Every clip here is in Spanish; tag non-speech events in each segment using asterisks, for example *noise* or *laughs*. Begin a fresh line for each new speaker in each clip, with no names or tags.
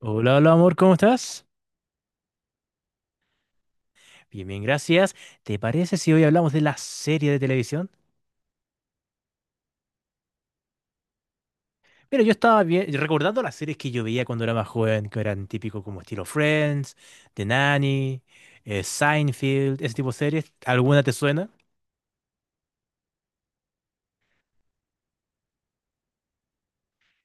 Hola, hola amor, ¿cómo estás? Bien, bien, gracias. ¿Te parece si hoy hablamos de la serie de televisión? Mira, yo estaba bien, recordando las series que yo veía cuando era más joven, que eran típico como estilo Friends, The Nanny, Seinfeld, ese tipo de series. ¿Alguna te suena?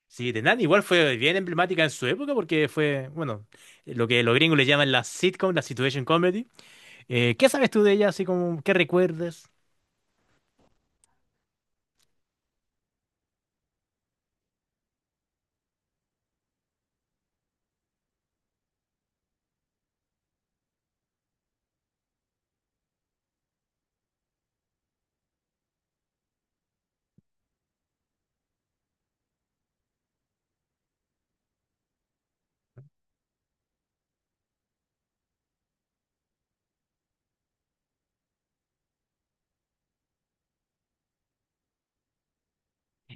Sí, The Nanny igual fue bien emblemática en su época porque fue, bueno, lo que los gringos le llaman la sitcom, la situation comedy. ¿Qué sabes tú de ella? Así como, ¿qué recuerdas?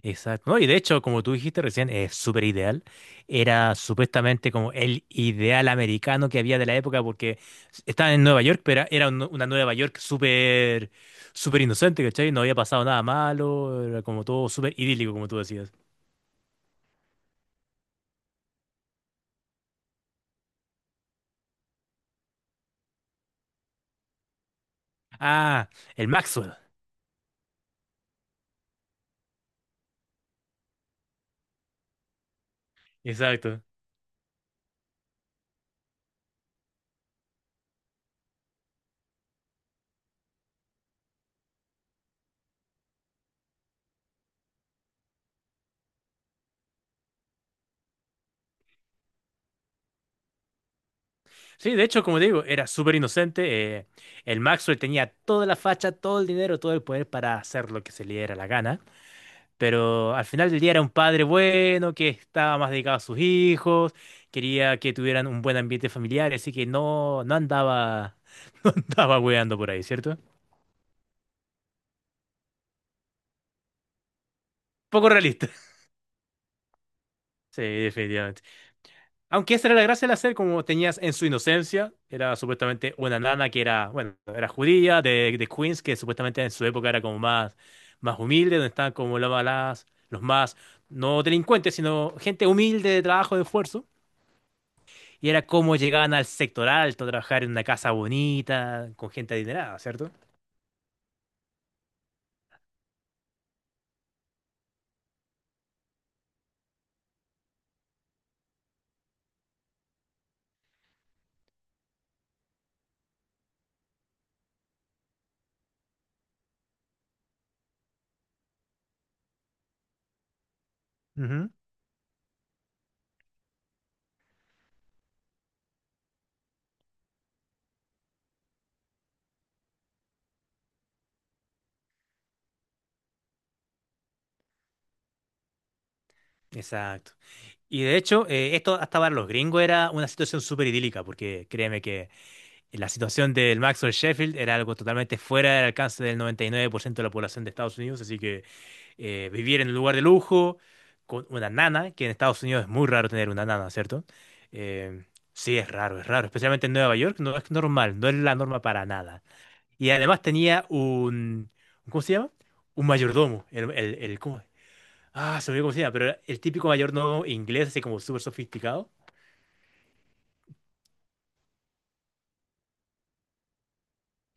Exacto. No, y de hecho, como tú dijiste recién, es súper ideal. Era supuestamente como el ideal americano que había de la época porque estaba en Nueva York, pero era una Nueva York súper, súper inocente, ¿cachai? No había pasado nada malo, era como todo súper idílico, como tú decías. Ah, el Maxwell. Exacto. Sí, de hecho, como te digo, era súper inocente. eh, el Maxwell tenía toda la facha, todo el dinero, todo el poder para hacer lo que se le diera la gana. Pero al final del día era un padre bueno, que estaba más dedicado a sus hijos, quería que tuvieran un buen ambiente familiar, así que no, *laughs* no andaba weando por ahí, ¿cierto? Poco realista. *laughs* Sí, definitivamente. Aunque esa era la gracia de la serie, como tenías en su inocencia, era supuestamente una nana que era, bueno, era judía, de Queens, que supuestamente en su época era como más humilde, donde estaban como las, los más, no delincuentes, sino gente humilde de trabajo, de esfuerzo. Y era cómo llegaban al sector alto, a trabajar en una casa bonita, con gente adinerada, ¿cierto? Ujú. Exacto. Y de hecho, esto hasta para los gringos era una situación súper idílica, porque créeme que la situación del Maxwell Sheffield era algo totalmente fuera del alcance del 99% de la población de Estados Unidos, así que vivir en un lugar de lujo, con una nana, que en Estados Unidos es muy raro tener una nana, ¿cierto? Eh, sí, es raro, especialmente en Nueva York, no es normal, no es la norma para nada. Y además tenía un, ¿cómo se llama? Un mayordomo. ¿Cómo? Ah, se me olvidó cómo se llama, pero era el típico mayordomo inglés, así como súper sofisticado.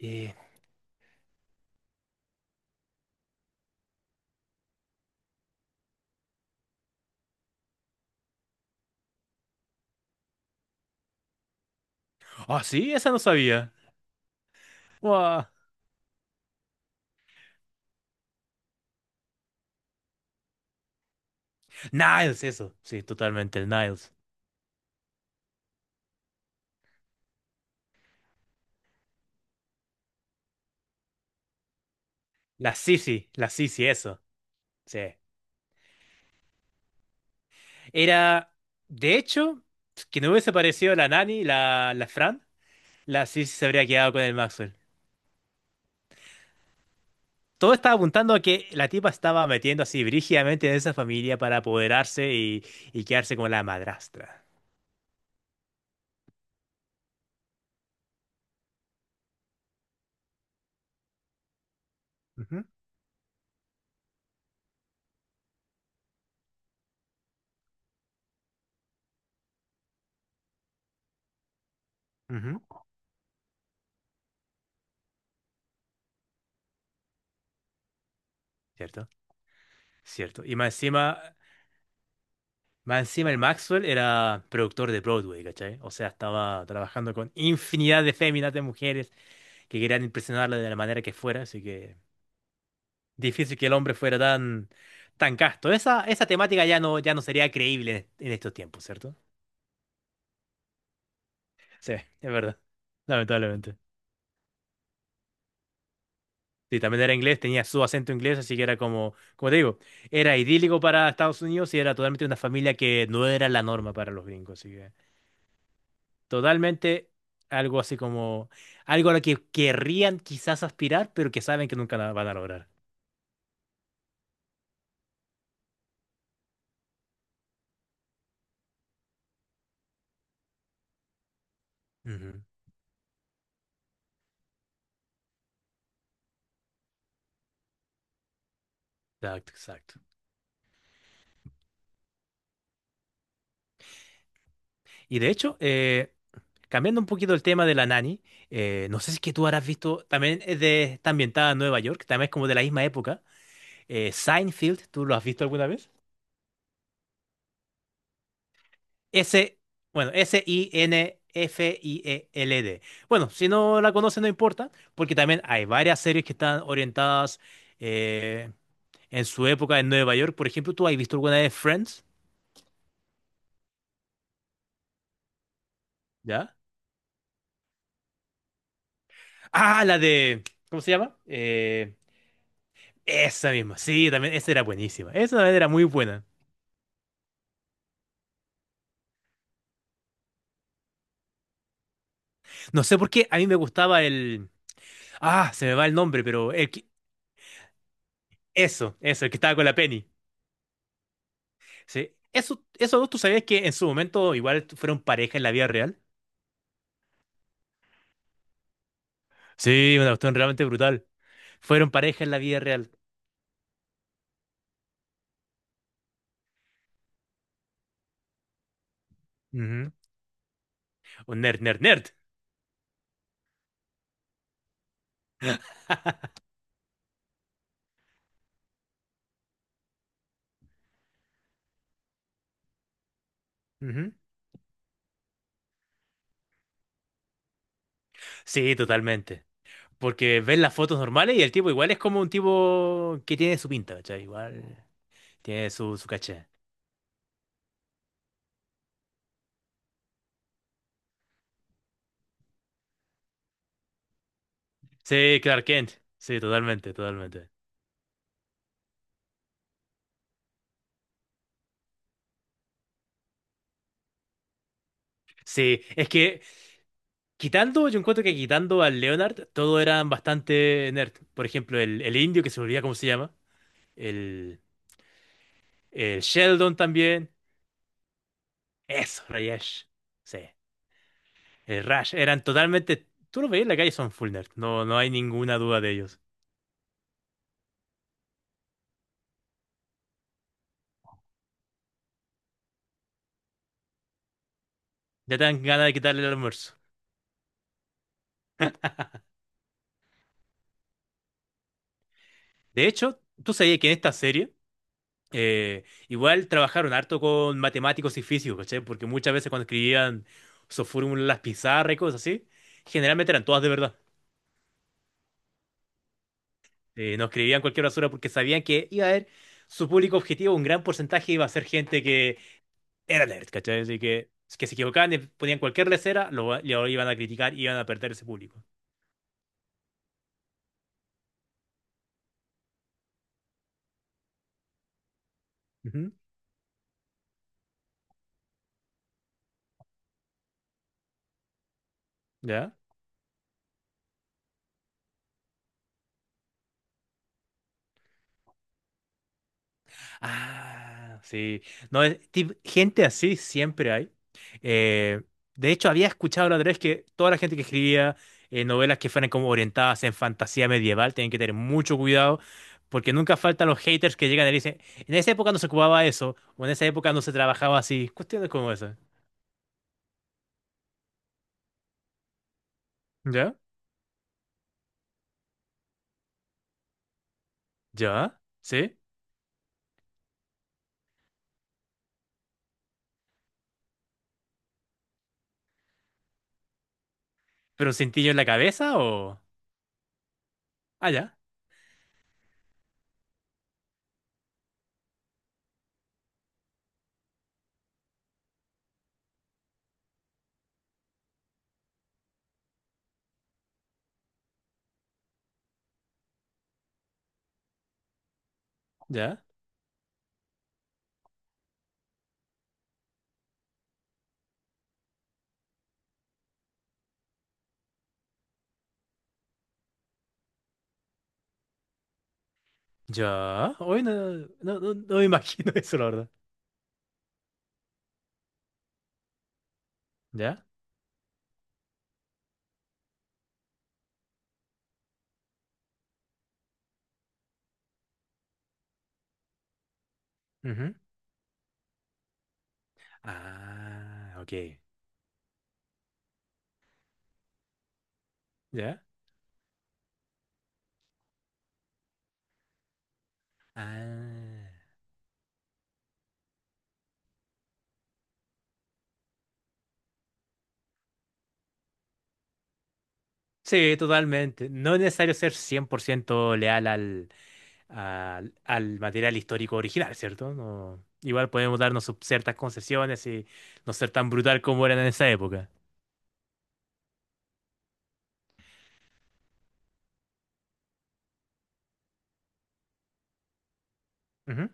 Eh, ah, sí, esa no sabía. Wow. Niles, eso. Sí, totalmente, el Niles. La Sisi, eso. Sí. Era, de hecho, que no hubiese parecido la Nani, la Fran, la Sisi se habría quedado con el Maxwell. Todo estaba apuntando a que la tipa estaba metiendo así brígidamente en esa familia para apoderarse y quedarse como la madrastra. Ujú, ujú. Cierto, cierto. Y más encima el Maxwell era productor de Broadway, ¿cachai? O sea, estaba trabajando con infinidad de féminas, de mujeres que querían impresionarla de la manera que fuera, así que difícil que el hombre fuera tan, tan casto. Esa temática ya no sería creíble en estos tiempos, ¿cierto? Sí, es verdad. Lamentablemente. Sí, también era inglés, tenía su acento inglés, así que era como te digo, era idílico para Estados Unidos y era totalmente una familia que no era la norma para los gringos, así que totalmente algo así como, algo a lo que querrían quizás aspirar, pero que saben que nunca la van a lograr. Ujú, exacto, exacto. Y de hecho, cambiando un poquito el tema de la nani, no sé si es que tú habrás visto, también está ambientada en Nueva York, también es como de la misma época, Seinfeld, ¿tú lo has visto alguna vez? S, bueno, Sinfield. Bueno, si no la conocen, no importa, porque también hay varias series que están orientadas eh, en su época en Nueva York. Por ejemplo, ¿tú has visto alguna de Friends? ¿Ya? Ah, la de, ¿cómo se llama? Esa misma, sí, también, esa era buenísima. Esa también era muy buena. No sé por qué, a mí me gustaba el. Ah, se me va el nombre, pero eso, eso, el que estaba con la Penny. Sí. Eso, ¿tú sabías que en su momento igual fueron pareja en la vida real? Sí, una cuestión realmente brutal. Fueron pareja en la vida real. Ujú. Un nerd, nerd, nerd. Ujú. Sí, totalmente. Porque ven las fotos normales y el tipo igual es como un tipo que tiene su pinta, ¿cachai? Igual tiene su caché. Sí, Clark Kent. Sí, totalmente, totalmente. Sí, es que yo encuentro que quitando al Leonard, todos eran bastante nerd. Por ejemplo, el indio, que se me olvida cómo se llama. El, el Sheldon también. Eso, Rayesh. Sí. El Rush eran totalmente. Tú lo veías en la calle, son full nerd. No, no hay ninguna duda de ellos. Ya te dan ganas de quitarle el almuerzo. De hecho, tú sabías que en esta serie, igual trabajaron harto con matemáticos y físicos, ¿cachai? Porque muchas veces cuando escribían sus fórmulas, en las pizarras y cosas así, generalmente eran todas de verdad. No escribían cualquier basura porque sabían que iba a haber su público objetivo, un gran porcentaje iba a ser gente que era nerd, ¿cachai? Así que se equivocaban y ponían cualquier lesera, lo iban a criticar y iban a perder ese público. Ujú. ¿Ya? Ah, sí. No, gente así siempre hay. Eh, de hecho, había escuchado la otra vez que toda la gente que escribía novelas que fueran como orientadas en fantasía medieval tienen que tener mucho cuidado porque nunca faltan los haters que llegan y dicen, en esa época no se ocupaba eso o en esa época no se trabajaba así. Cuestiones como esas. ¿Ya? ¿Ya? ¿Sí? ¿Pero un cintillo en la cabeza o? Ah, ya. ¿Ya? ¿Ya? Hoy no, no, no, no me imagino *laughs* eso, la verdad. ¿Ya? Ah, ok. ¿Ya? Ah. Sí, totalmente. No es necesario ser 100% leal al material histórico original, ¿cierto? Igual podemos darnos ciertas concesiones y no ser tan brutal como eran en esa época. Ujú.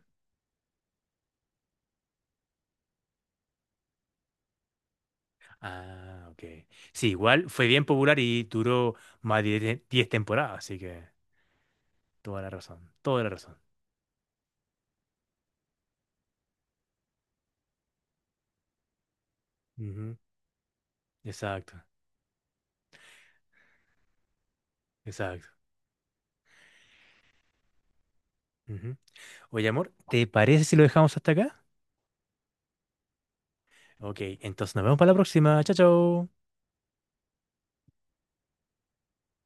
Ah, ok. Sí, igual fue bien popular y duró más de 10 10 temporadas, así que toda la razón, toda la razón. Ujú. Exacto, exacto. Ujú. Oye, amor, ¿te parece si lo dejamos hasta acá? Ok, entonces nos vemos para la próxima. Chao, chao.